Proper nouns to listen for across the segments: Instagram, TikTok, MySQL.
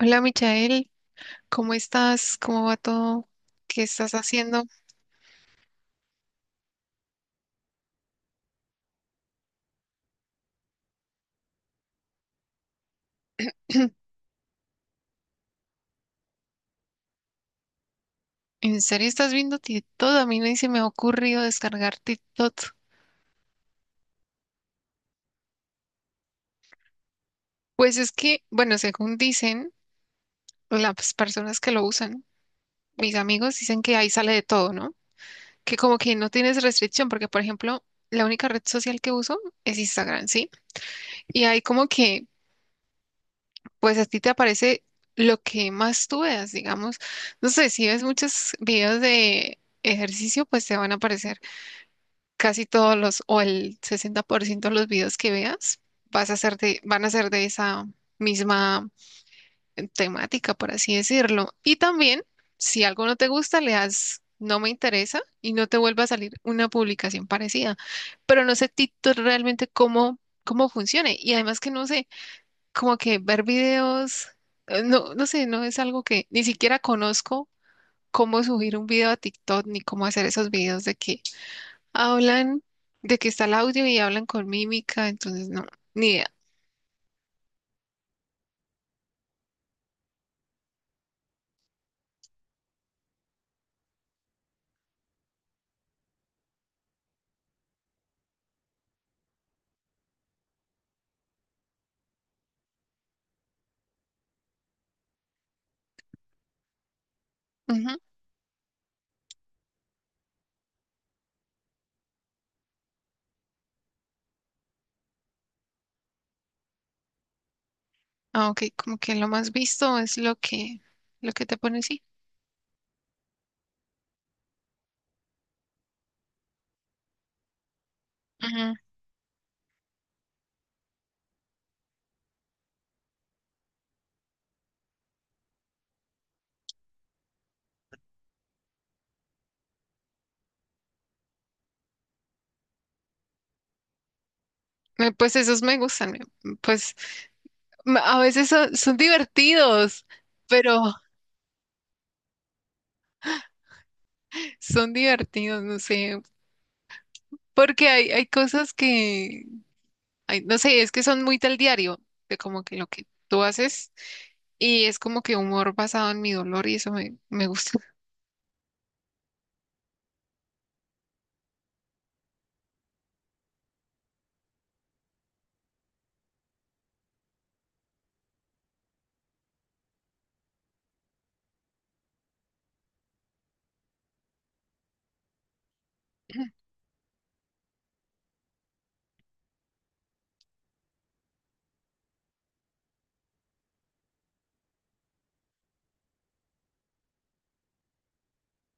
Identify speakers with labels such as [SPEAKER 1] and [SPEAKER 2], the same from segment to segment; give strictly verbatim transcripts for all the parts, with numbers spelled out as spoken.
[SPEAKER 1] Hola Michael, ¿cómo estás? ¿Cómo va todo? ¿Qué estás haciendo? ¿En serio estás viendo TikTok? A mí ni se me ha ocurrido descargar TikTok. Pues es que, bueno, según dicen las personas que lo usan, mis amigos dicen que ahí sale de todo, ¿no? Que como que no tienes restricción, porque por ejemplo, la única red social que uso es Instagram, ¿sí? Y ahí como que, pues a ti te aparece lo que más tú veas, digamos. No sé, si ves muchos videos de ejercicio, pues te van a aparecer casi todos los, o el sesenta por ciento de los videos que veas, vas a ser de, van a ser de esa misma temática, por así decirlo. Y también, si algo no te gusta, le das no me interesa y no te vuelva a salir una publicación parecida. Pero no sé Tito realmente cómo, cómo funcione. Y además que no sé, como que ver videos, eh, no, no sé, no es algo que ni siquiera conozco. Cómo subir un video a TikTok ni cómo hacer esos videos de que hablan de que está el audio y hablan con mímica, entonces no, ni idea. Ujú. Ah, ok, como que lo más visto es lo que, lo que te pone así. Ujú. Eh, Pues esos me gustan, me- pues m- a veces son, son divertidos, pero son divertidos, no sé, porque hay, hay cosas que, ay, no sé, es que son muy del diario, de como que lo que tú haces y es como que humor basado en mi dolor y eso me, me gusta.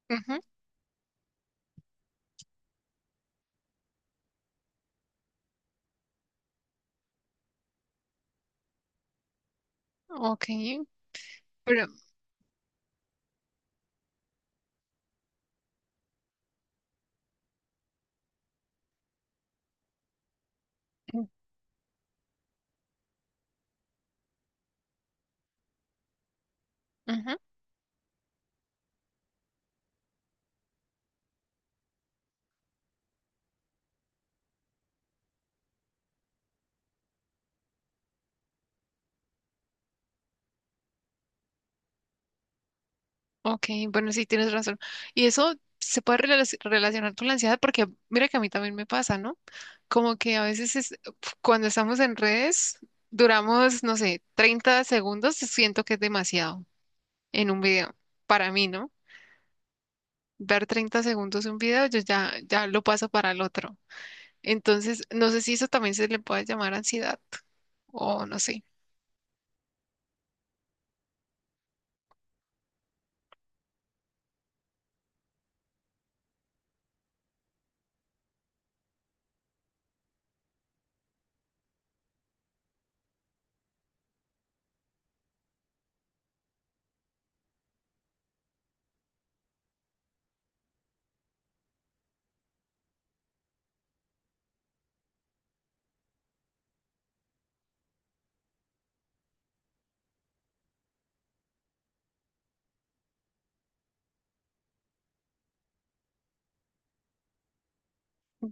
[SPEAKER 1] Ujú. Ok. Pero mm. Ujú. Ok, bueno, sí, tienes razón. Y eso se puede relac- relacionar con la ansiedad porque mira que a mí también me pasa, ¿no? Como que a veces es, cuando estamos en redes duramos, no sé, treinta segundos, siento que es demasiado en un video. Para mí, ¿no? Ver treinta segundos un video, yo ya, ya lo paso para el otro. Entonces, no sé si eso también se le puede llamar ansiedad o no sé.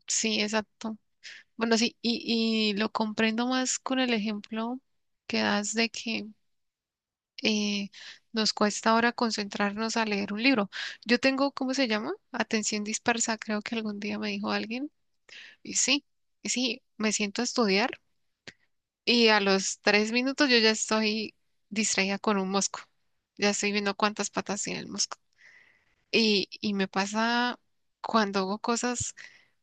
[SPEAKER 1] Sí, exacto. Bueno, sí, y, y lo comprendo más con el ejemplo que das de que eh, nos cuesta ahora concentrarnos a leer un libro. Yo tengo, ¿cómo se llama? Atención dispersa, creo que algún día me dijo alguien. Y sí, y sí, me siento a estudiar y a los tres minutos yo ya estoy distraída con un mosco. Ya estoy viendo cuántas patas tiene el mosco. Y, y me pasa cuando hago cosas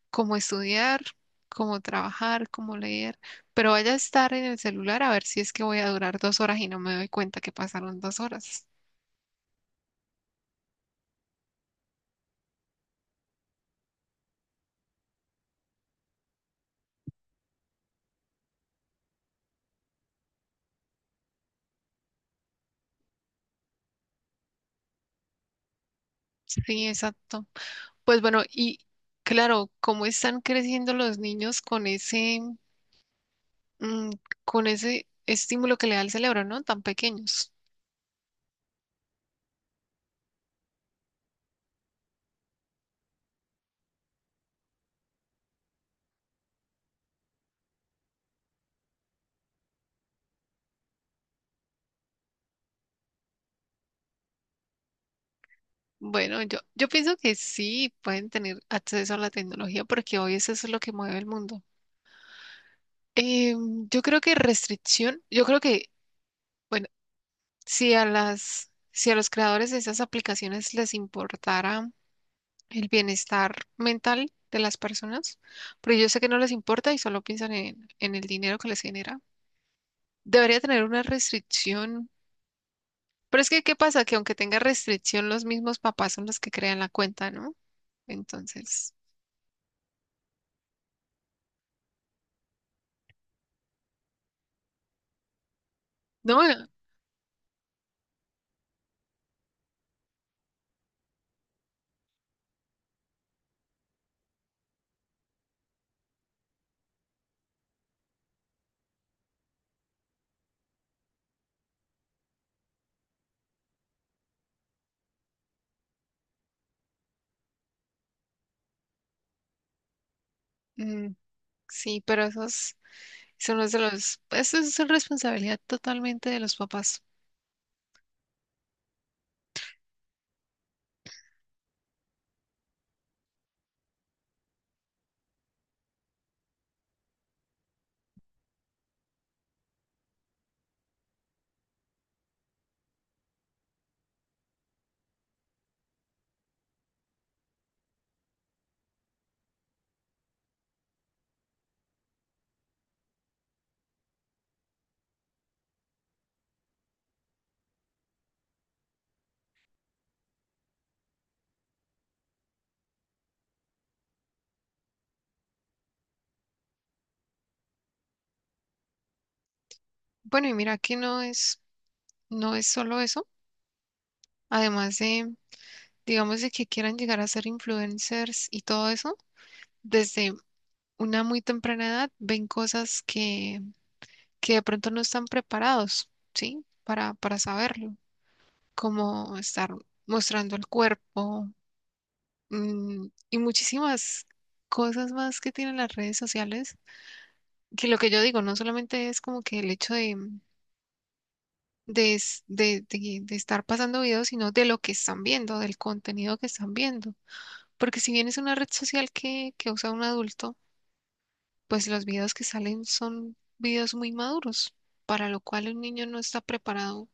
[SPEAKER 1] como estudiar, como trabajar, como leer, pero vaya a estar en el celular a ver si es que voy a durar dos horas y no me doy cuenta que pasaron dos horas. Sí, exacto. Pues bueno, y claro, cómo están creciendo los niños con ese, mm, con ese estímulo que le da el cerebro, ¿no? Tan pequeños. Bueno, yo, yo pienso que sí pueden tener acceso a la tecnología porque hoy eso es lo que mueve el mundo. Em, yo creo que restricción, yo creo que, bueno, si a las, si a los creadores de esas aplicaciones les importara el bienestar mental de las personas, porque yo sé que no les importa y solo piensan en, en el dinero que les genera. Debería tener una restricción. Pero es que, ¿qué pasa? Que aunque tenga restricción, los mismos papás son los que crean la cuenta, ¿no? Entonces, no, mm, sí, pero esos son los de los, eso es responsabilidad totalmente de los papás. Bueno, y mira que no es, no es solo eso. Además de, digamos, de que quieran llegar a ser influencers y todo eso, desde una muy temprana edad ven cosas que, que de pronto no están preparados, ¿sí? Para, para saberlo. Como estar mostrando el cuerpo mm, y muchísimas cosas más que tienen las redes sociales, que lo que yo digo no solamente es como que el hecho de, de, es- de, de- de estar pasando videos, sino de lo que están viendo, del contenido que están viendo. Porque si bien es una red social que, que usa un adulto, pues los videos que salen son videos muy maduros, para lo cual un niño no está preparado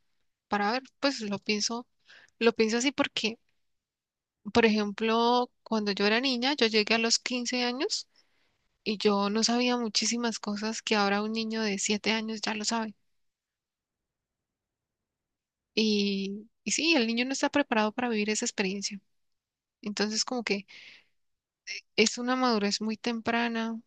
[SPEAKER 1] para ver. Pues lo pienso, lo pienso así porque por ejemplo, cuando yo era niña, yo llegué a los quince años y yo no sabía muchísimas cosas que ahora un niño de siete años ya lo sabe. Y, y sí, el niño no está preparado para vivir esa experiencia. Entonces, como que es una madurez muy temprana.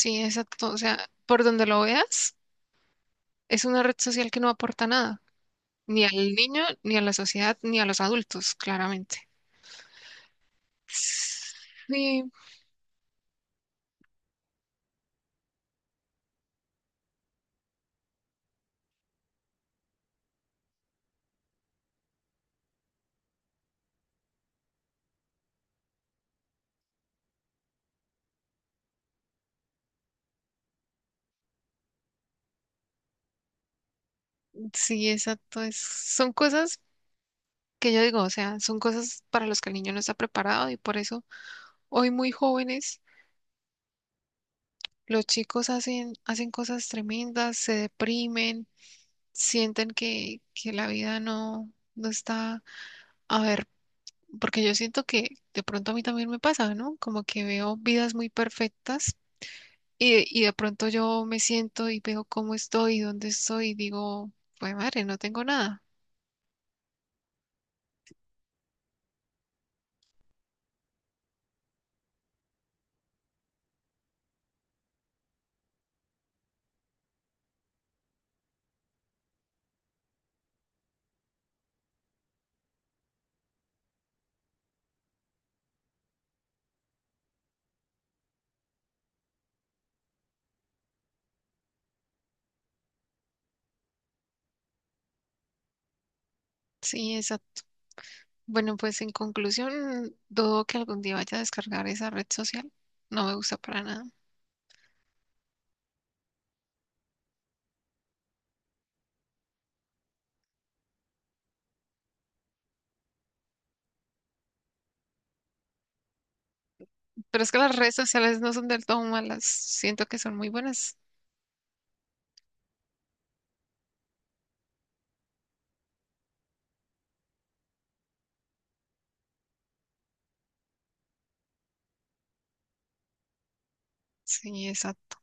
[SPEAKER 1] Sí, exacto. O sea, por donde lo veas, es una red social que no aporta nada, ni al niño, ni a la sociedad, ni a los adultos, claramente. Sí, sí, exacto. Es- son cosas que yo digo, o sea, son cosas para las que el niño no está preparado y por eso hoy muy jóvenes los chicos hacen, hacen cosas tremendas, se deprimen, sienten que, que la vida no, no está, a ver, porque yo siento que de pronto a mí también me pasa, ¿no? Como que veo vidas muy perfectas y, de- y de pronto yo me siento y veo cómo estoy, dónde estoy y digo, pues madre, no tengo nada. Sí, exacto. Bueno, pues en conclusión, dudo que algún día vaya a descargar esa red social. No me gusta para nada. Pero es que las redes sociales no son del todo malas. Siento que son muy buenas. Sí, exacto.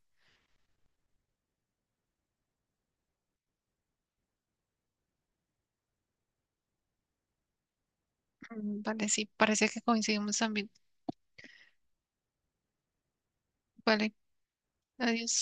[SPEAKER 1] Mm, vale, sí, parece que coincidimos también. Vale, adiós.